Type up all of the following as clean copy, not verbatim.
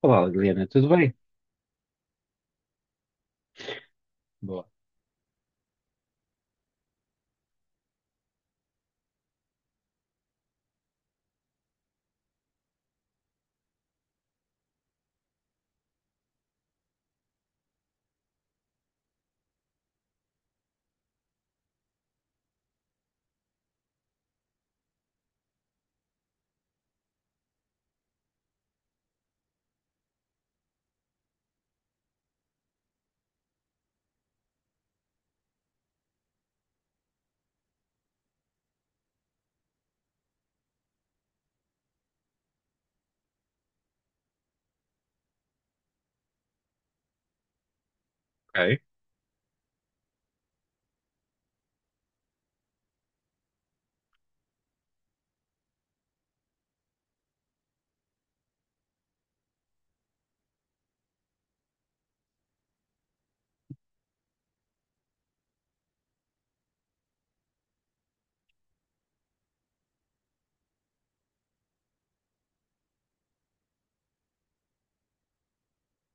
Olá, Liliana, tudo bem? Boa. Ok.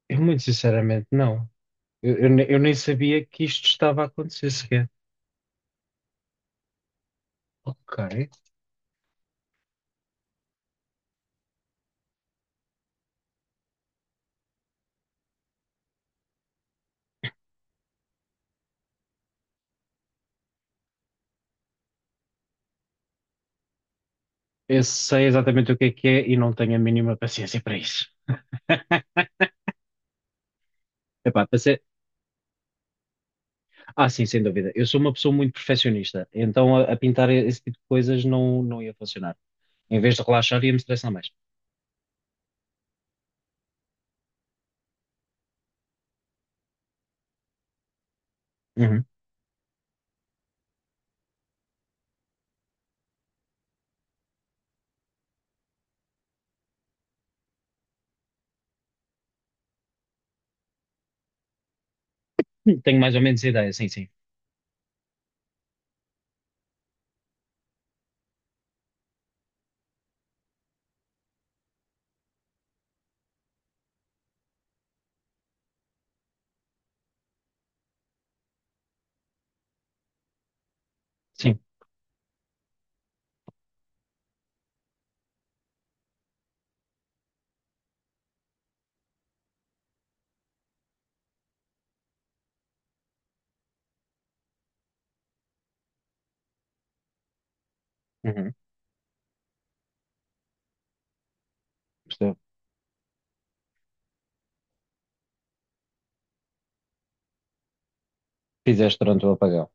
Eu, muito sinceramente, não. Eu nem sabia que isto estava a acontecer sequer. Ok. Eu sei exatamente o que é e não tenho a mínima paciência para isso. Epá, para ser... Ah, sim, sem dúvida. Eu sou uma pessoa muito perfeccionista, então a pintar esse tipo de coisas não ia funcionar. Em vez de relaxar, ia me estressar mais. Uhum. Tenho mais ou menos ideia, sim, sim. Sim. Uhum. Percebo. Fizeste durante o apagão.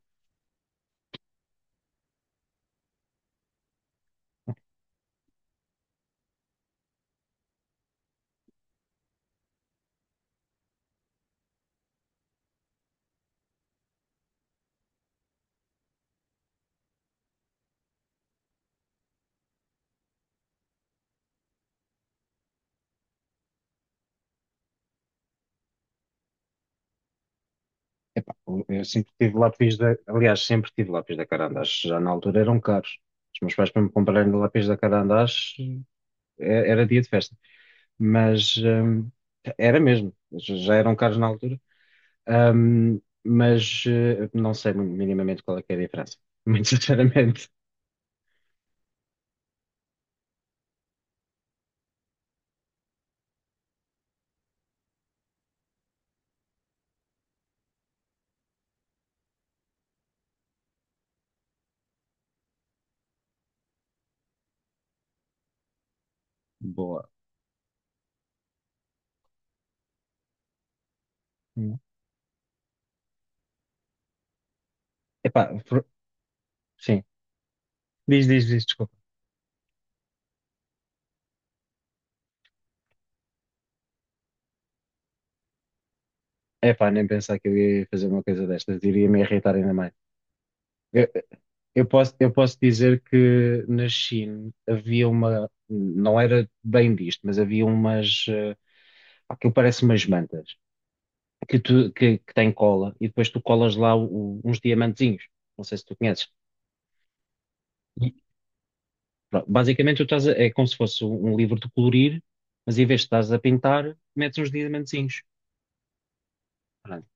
Epá, eu sempre tive lápis da. Aliás, sempre tive lápis da Carandás. Já na altura eram caros. Os meus pais, para me comprarem lápis da Carandás, era dia de festa. Mas era mesmo. Já já eram caros na altura. Não sei minimamente qual é que é a diferença. Muito sinceramente. Boa. Hum. Epá, por- sim. Diz, diz, diz, desculpa. Epá, nem pensar que eu ia fazer uma coisa destas, iria me irritar ainda mais. Eu, eu posso dizer que na China havia uma, não era bem visto, mas havia umas, aquilo parece umas mantas, que tem cola, e depois tu colas lá uns diamantezinhos, não sei se tu conheces. Pronto, basicamente, é como se fosse um livro de colorir, mas em vez de estás a pintar, metes uns diamantezinhos. Pronto.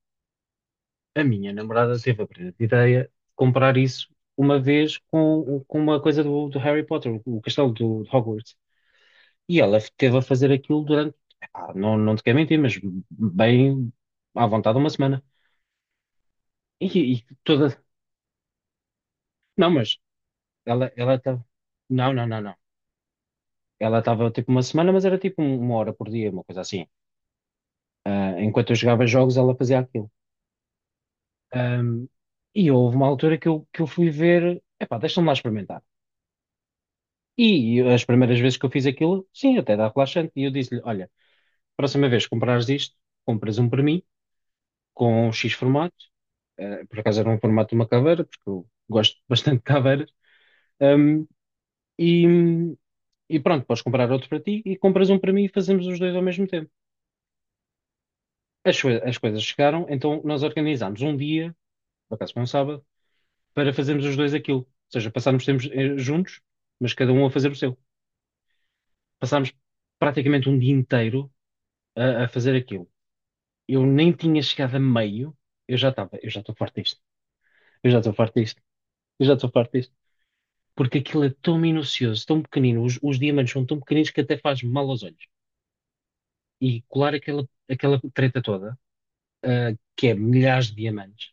A minha namorada teve a brilhante ideia de comprar isso uma vez com uma coisa do Harry Potter, o castelo de Hogwarts. E ela teve a fazer aquilo durante, epá, não te quero mentir, mas bem à vontade uma semana. E, e toda. Não, mas ela estava. Não, não, não, não. Ela estava tipo uma semana, mas era tipo uma hora por dia, uma coisa assim. Ah, enquanto eu jogava jogos, ela fazia aquilo. Ahm, e houve uma altura que eu fui ver, epá, deixa-me lá experimentar. E as primeiras vezes que eu fiz aquilo, sim, até dá relaxante. E eu disse-lhe: olha, próxima vez que comprares isto, compras um para mim, com X formato. Eh, por acaso era um formato de uma caveira, porque eu gosto bastante de caveiras. Ahm, e, e pronto, podes comprar outro para ti e compras um para mim e fazemos os dois ao mesmo tempo. As coisas chegaram, então nós organizámos um dia, por acaso foi um sábado, para fazermos os dois aquilo. Ou seja, passámos tempo juntos, mas cada um a fazer o seu. Passámos praticamente um dia inteiro a fazer aquilo. Eu nem tinha chegado a meio, eu já estou farto disto, eu já estou farto disto, eu já estou farto disto. Porque aquilo é tão minucioso, tão pequenino, os diamantes são tão pequeninos que até faz mal aos olhos. E colar aquela treta toda, ah, que é milhares de diamantes,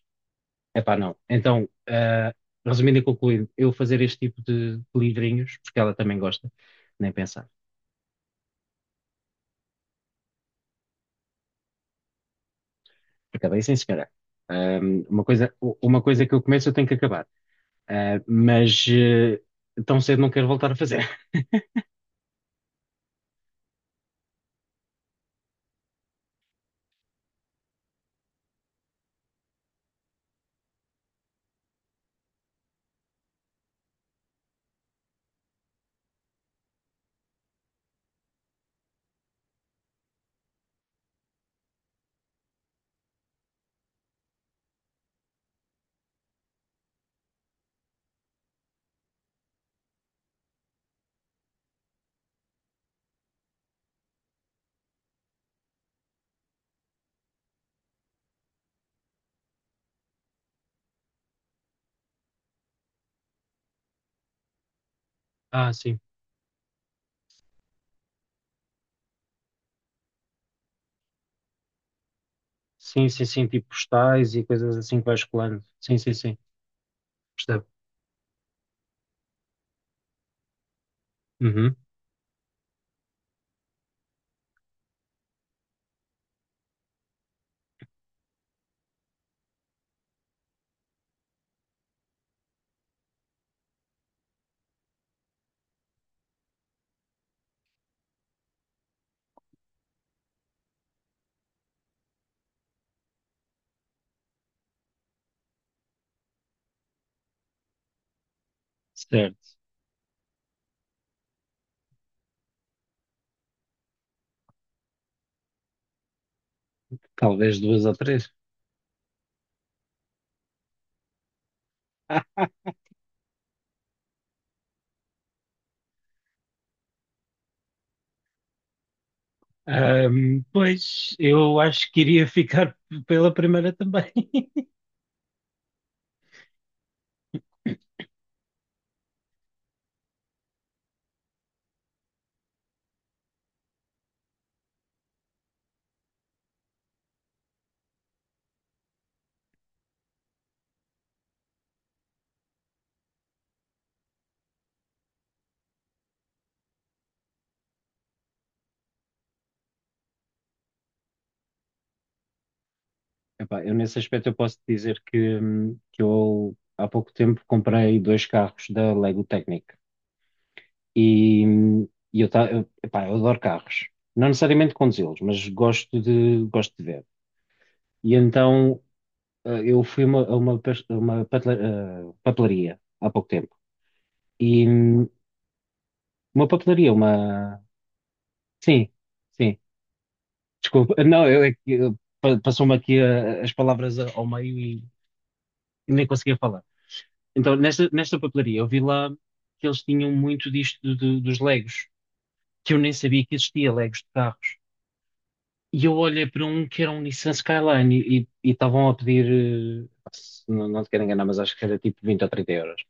epá, não. Então, ah, resumindo e concluindo, eu fazer este tipo de livrinhos, porque ela também gosta, nem pensar. Acabei sem sequer. Uma coisa que eu começo eu tenho que acabar. Ah, mas eh, Tão cedo não quero voltar a fazer. Ah, sim. Sim, sim, sim. Tipo postais e coisas assim que vais colando. Sim, sim, sim. Percebo. Uhum. Certo. Talvez duas ou três. Pois, eu acho que iria ficar pela primeira também. Epá, eu nesse aspecto eu posso te dizer que eu há pouco tempo comprei dois carros da Lego Technic e, epá, eu adoro carros. Não necessariamente conduzi-los, mas gosto de ver. E então eu fui a uma, pas- a uma patela- eh, papelaria há pouco tempo. Uma papelaria, uma. Sim, sim. Desculpa. Não, eu, é que, passou-me aqui as palavras ao meio e nem conseguia falar. Então, nesta papelaria, eu vi lá que eles tinham muito disto dos Legos, que eu nem sabia que existia Legos de carros. E eu olhei para um que era um Nissan Skyline e estavam a pedir, não, não te quero enganar, mas acho que era tipo 20 ou 30 euros.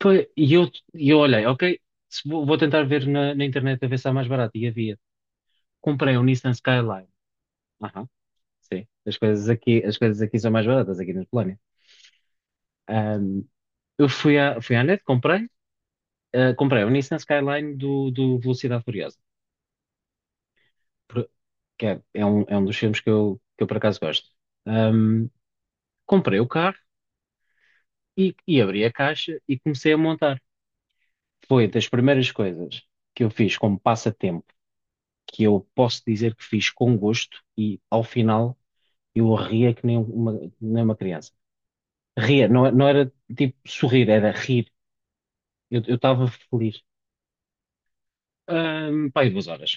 Pá, E eu, e eu olhei, ok, se vou, vou tentar ver na internet a ver se há mais barato. E havia. Comprei um Nissan Skyline. Sim, as coisas aqui são mais baratas, aqui na Polónia. Ahm, eu fui à net, comprei, ah, comprei o Nissan Skyline do Velocidade Furiosa, por- que é, é um dos filmes que eu por acaso gosto. Ahm, Comprei o carro e abri a caixa e comecei a montar. Foi das primeiras coisas que eu fiz como passatempo, que eu posso dizer que fiz com gosto e ao final eu ria que nem uma, nem uma criança. Ria, não, não era tipo sorrir, era rir. Eu estava feliz. Pá, aí 2 horas.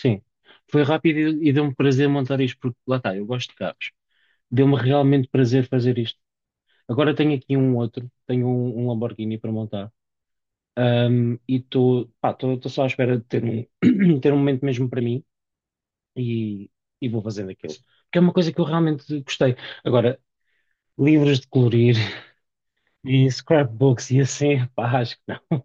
Sim. Foi rápido e deu-me prazer montar isto, porque lá está, eu gosto de carros. Deu-me realmente prazer fazer isto. Agora tenho aqui um outro, tenho um Lamborghini para montar. E estou, pá, estou só à espera de ter um, ter um momento mesmo para mim e, e vou fazendo aquilo. Porque é uma coisa que eu realmente gostei. Agora, livros de colorir e scrapbooks e assim, pá, acho que não.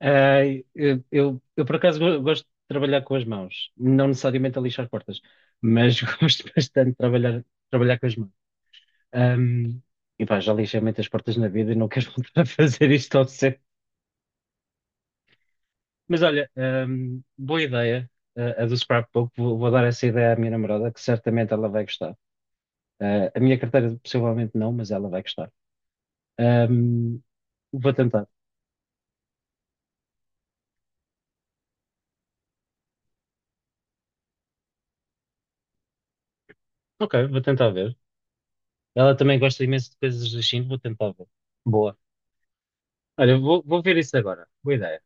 Ah, eu, por acaso gosto de trabalhar com as mãos, não necessariamente a lixar portas, mas gosto bastante de trabalhar com as mãos. Ahm, e pá, já lixei muitas portas na vida e não quero voltar a fazer isto tão cedo. Mas olha, boa ideia, ah, a do scrapbook. Vou dar essa ideia à minha namorada, que certamente ela vai gostar. Ah, a minha carteira possivelmente não, mas ela vai gostar. Ahm, vou tentar. Ok, vou tentar ver. Ela também gosta imenso de coisas da China, vou tentar ver. Boa. Olha, vou ver isso agora. Boa ideia.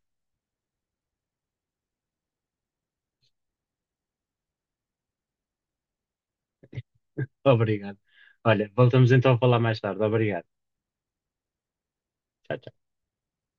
Obrigado. Olha, voltamos então a falar mais tarde. Obrigado. Tchau,